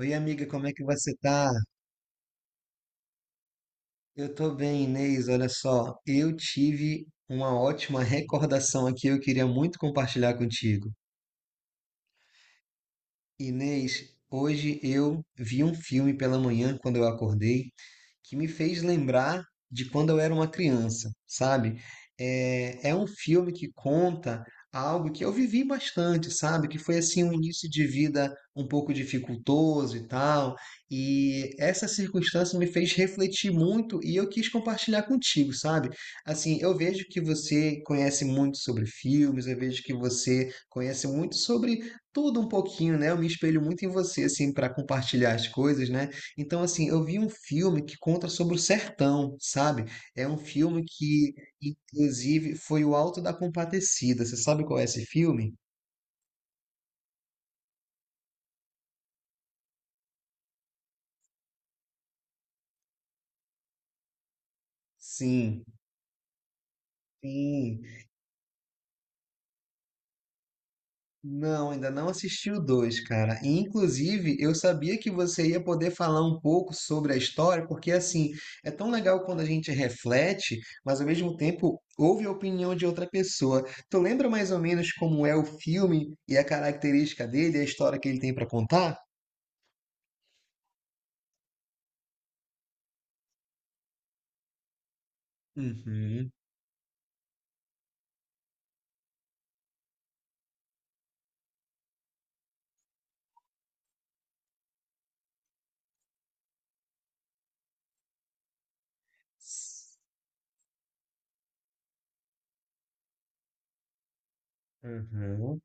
Oi, amiga, como é que você tá? Eu tô bem, Inês. Olha só, eu tive uma ótima recordação aqui, eu queria muito compartilhar contigo. Inês, hoje eu vi um filme pela manhã quando eu acordei, que me fez lembrar de quando eu era uma criança, sabe? É um filme que conta algo que eu vivi bastante, sabe? Que foi assim um início de vida um pouco dificultoso e tal. E essa circunstância me fez refletir muito e eu quis compartilhar contigo, sabe? Assim, eu vejo que você conhece muito sobre filmes, eu vejo que você conhece muito sobre tudo um pouquinho, né? Eu me espelho muito em você assim para compartilhar as coisas, né? Então, assim, eu vi um filme que conta sobre o sertão, sabe? É um filme que, inclusive, foi o Alto da Compadecida. Você sabe qual é esse filme? Sim, sim. Não, ainda não assisti o dois, cara. E, inclusive, eu sabia que você ia poder falar um pouco sobre a história, porque, assim, é tão legal quando a gente reflete, mas, ao mesmo tempo, ouve a opinião de outra pessoa. Tu lembra mais ou menos como é o filme e a característica dele, a história que ele tem pra contar? Uhum. Uhum.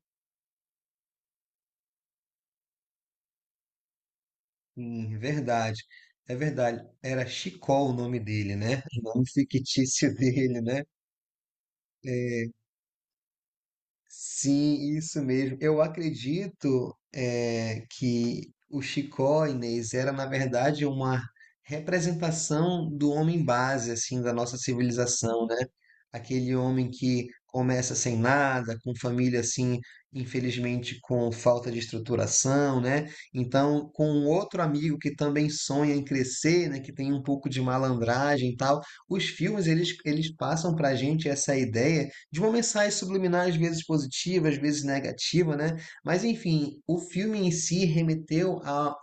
Sim, é verdade. É verdade. Era Chicó o nome dele, né? O nome fictício dele, né? Sim, isso mesmo. Eu acredito que o Chicó, Inês, era na verdade uma representação do homem base assim da nossa civilização, né? Aquele homem que começa sem nada, com família assim, infelizmente com falta de estruturação, né? Então, com um outro amigo que também sonha em crescer, né? Que tem um pouco de malandragem e tal. Os filmes eles passam para gente essa ideia de uma mensagem subliminar, às vezes positiva, às vezes negativa, né? Mas, enfim, o filme em si remeteu à a,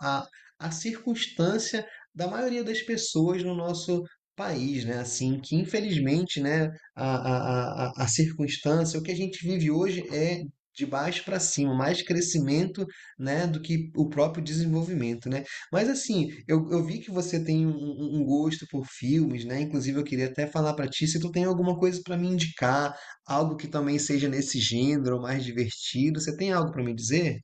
a, a circunstância da maioria das pessoas no nosso país, né? Assim, que infelizmente, né, a, a circunstância, o que a gente vive hoje é de baixo para cima, mais crescimento, né, do que o próprio desenvolvimento, né? Mas assim, eu vi que você tem um gosto por filmes, né? Inclusive eu queria até falar para ti se tu tem alguma coisa para me indicar, algo que também seja nesse gênero, mais divertido. Você tem algo para me dizer?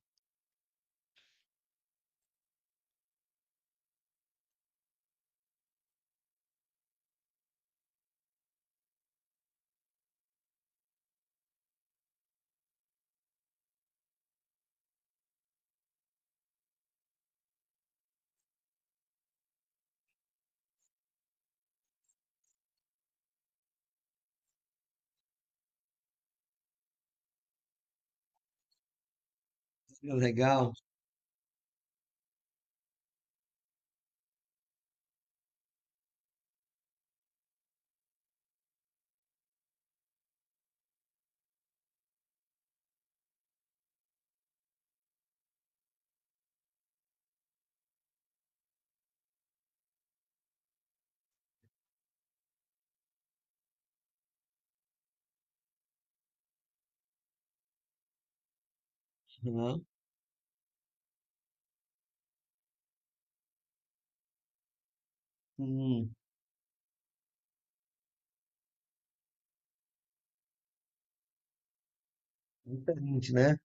Legal. Aham. Hum, diferente, né?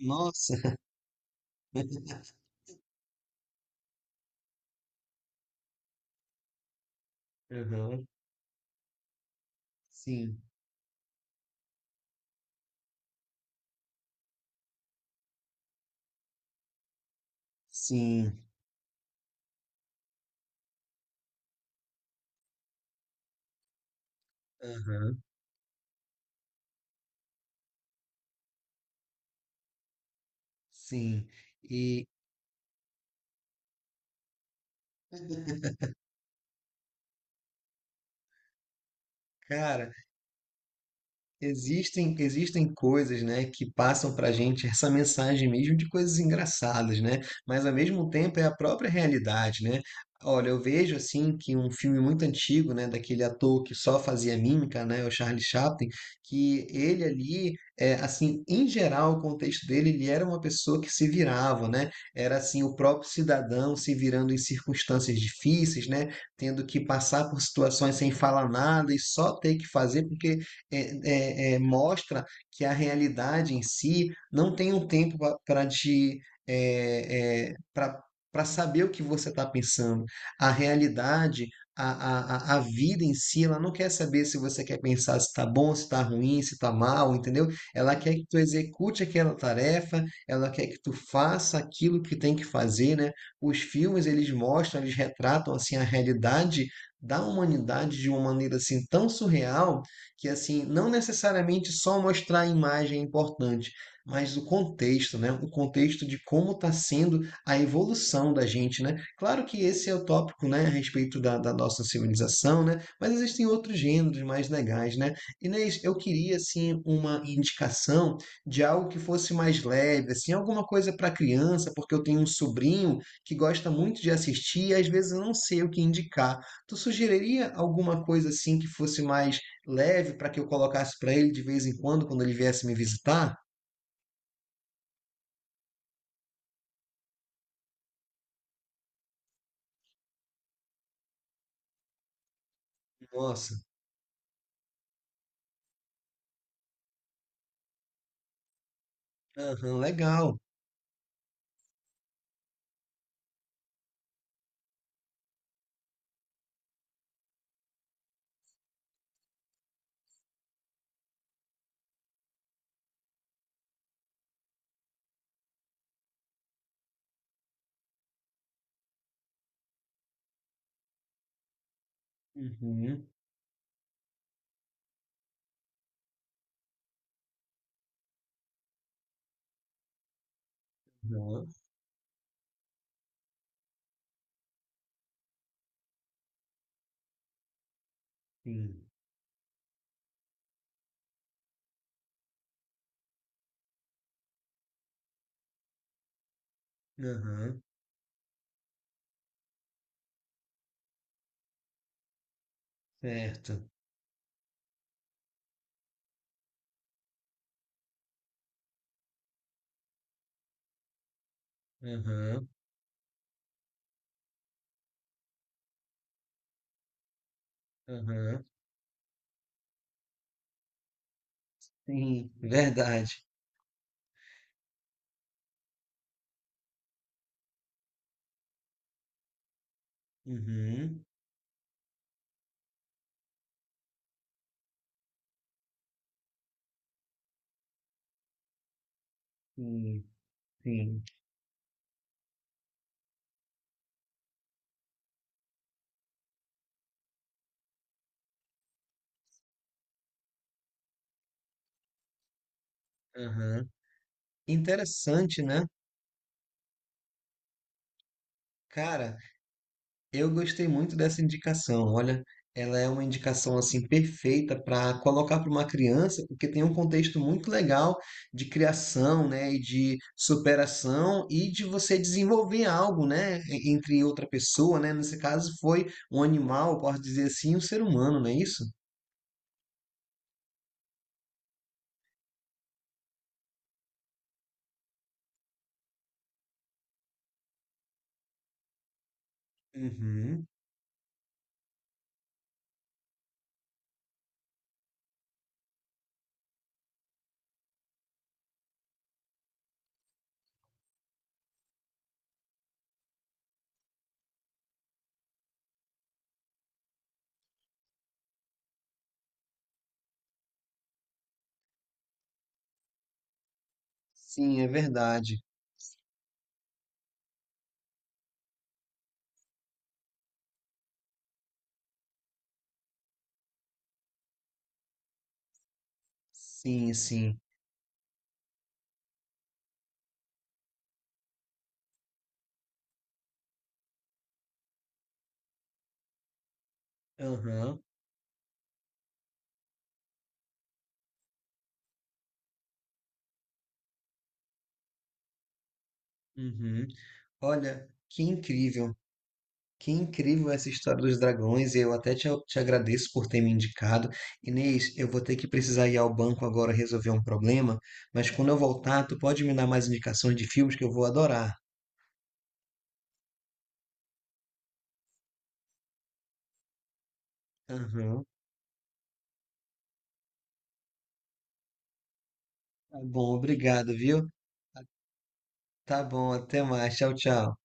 Nossa. Aham. Sim, sim. Aham. Sim. E, cara, existem coisas, né, que passam para a gente essa mensagem mesmo de coisas engraçadas, né? Mas ao mesmo tempo é a própria realidade, né? Olha, eu vejo assim que um filme muito antigo, né, daquele ator que só fazia mímica, né, o Charlie Chaplin, que ele ali, é, assim, em geral, o contexto dele, ele era uma pessoa que se virava, né? Era assim o próprio cidadão se virando em circunstâncias difíceis, né? Tendo que passar por situações sem falar nada e só ter que fazer porque mostra que a realidade em si não tem um tempo para te para para saber o que você está pensando. A realidade, a vida em si, ela não quer saber se você quer pensar se está bom, se está ruim, se está mal, entendeu? Ela quer que tu execute aquela tarefa, ela quer que tu faça aquilo que tem que fazer, né? Os filmes, eles mostram, eles retratam, assim, a realidade da humanidade de uma maneira, assim, tão surreal que assim, não necessariamente só mostrar a imagem é importante, mas o contexto, né? O contexto de como está sendo a evolução da gente, né? Claro que esse é o tópico, né, a respeito da nossa civilização, né? Mas existem outros gêneros mais legais, né? Inês, eu queria assim uma indicação de algo que fosse mais leve, assim, alguma coisa para criança, porque eu tenho um sobrinho que gosta muito de assistir e às vezes eu não sei o que indicar. Tu sugeriria alguma coisa assim que fosse mais leve para que eu colocasse para ele de vez em quando, quando ele viesse me visitar? Nossa, aham, legal. Uhum, aham, sim, aham, certo, aham, aham, sim, verdade. Uhum, sim, sim, aham. Interessante, né? Cara, eu gostei muito dessa indicação. Olha, ela é uma indicação assim perfeita para colocar para uma criança, porque tem um contexto muito legal de criação, né, e de superação e de você desenvolver algo, né, e- entre outra pessoa, né? Nesse caso foi um animal, posso dizer assim, um ser humano, não é isso? Uhum. Sim, é verdade. Sim, sim. Aham. Uhum. Olha, que incrível. Que incrível essa história dos dragões, e eu até te agradeço por ter me indicado. Inês, eu vou ter que precisar ir ao banco agora resolver um problema, mas quando eu voltar, tu pode me dar mais indicações de filmes que eu vou adorar. Aham, tá bom, obrigado, viu? Tá bom, até mais, tchau, tchau.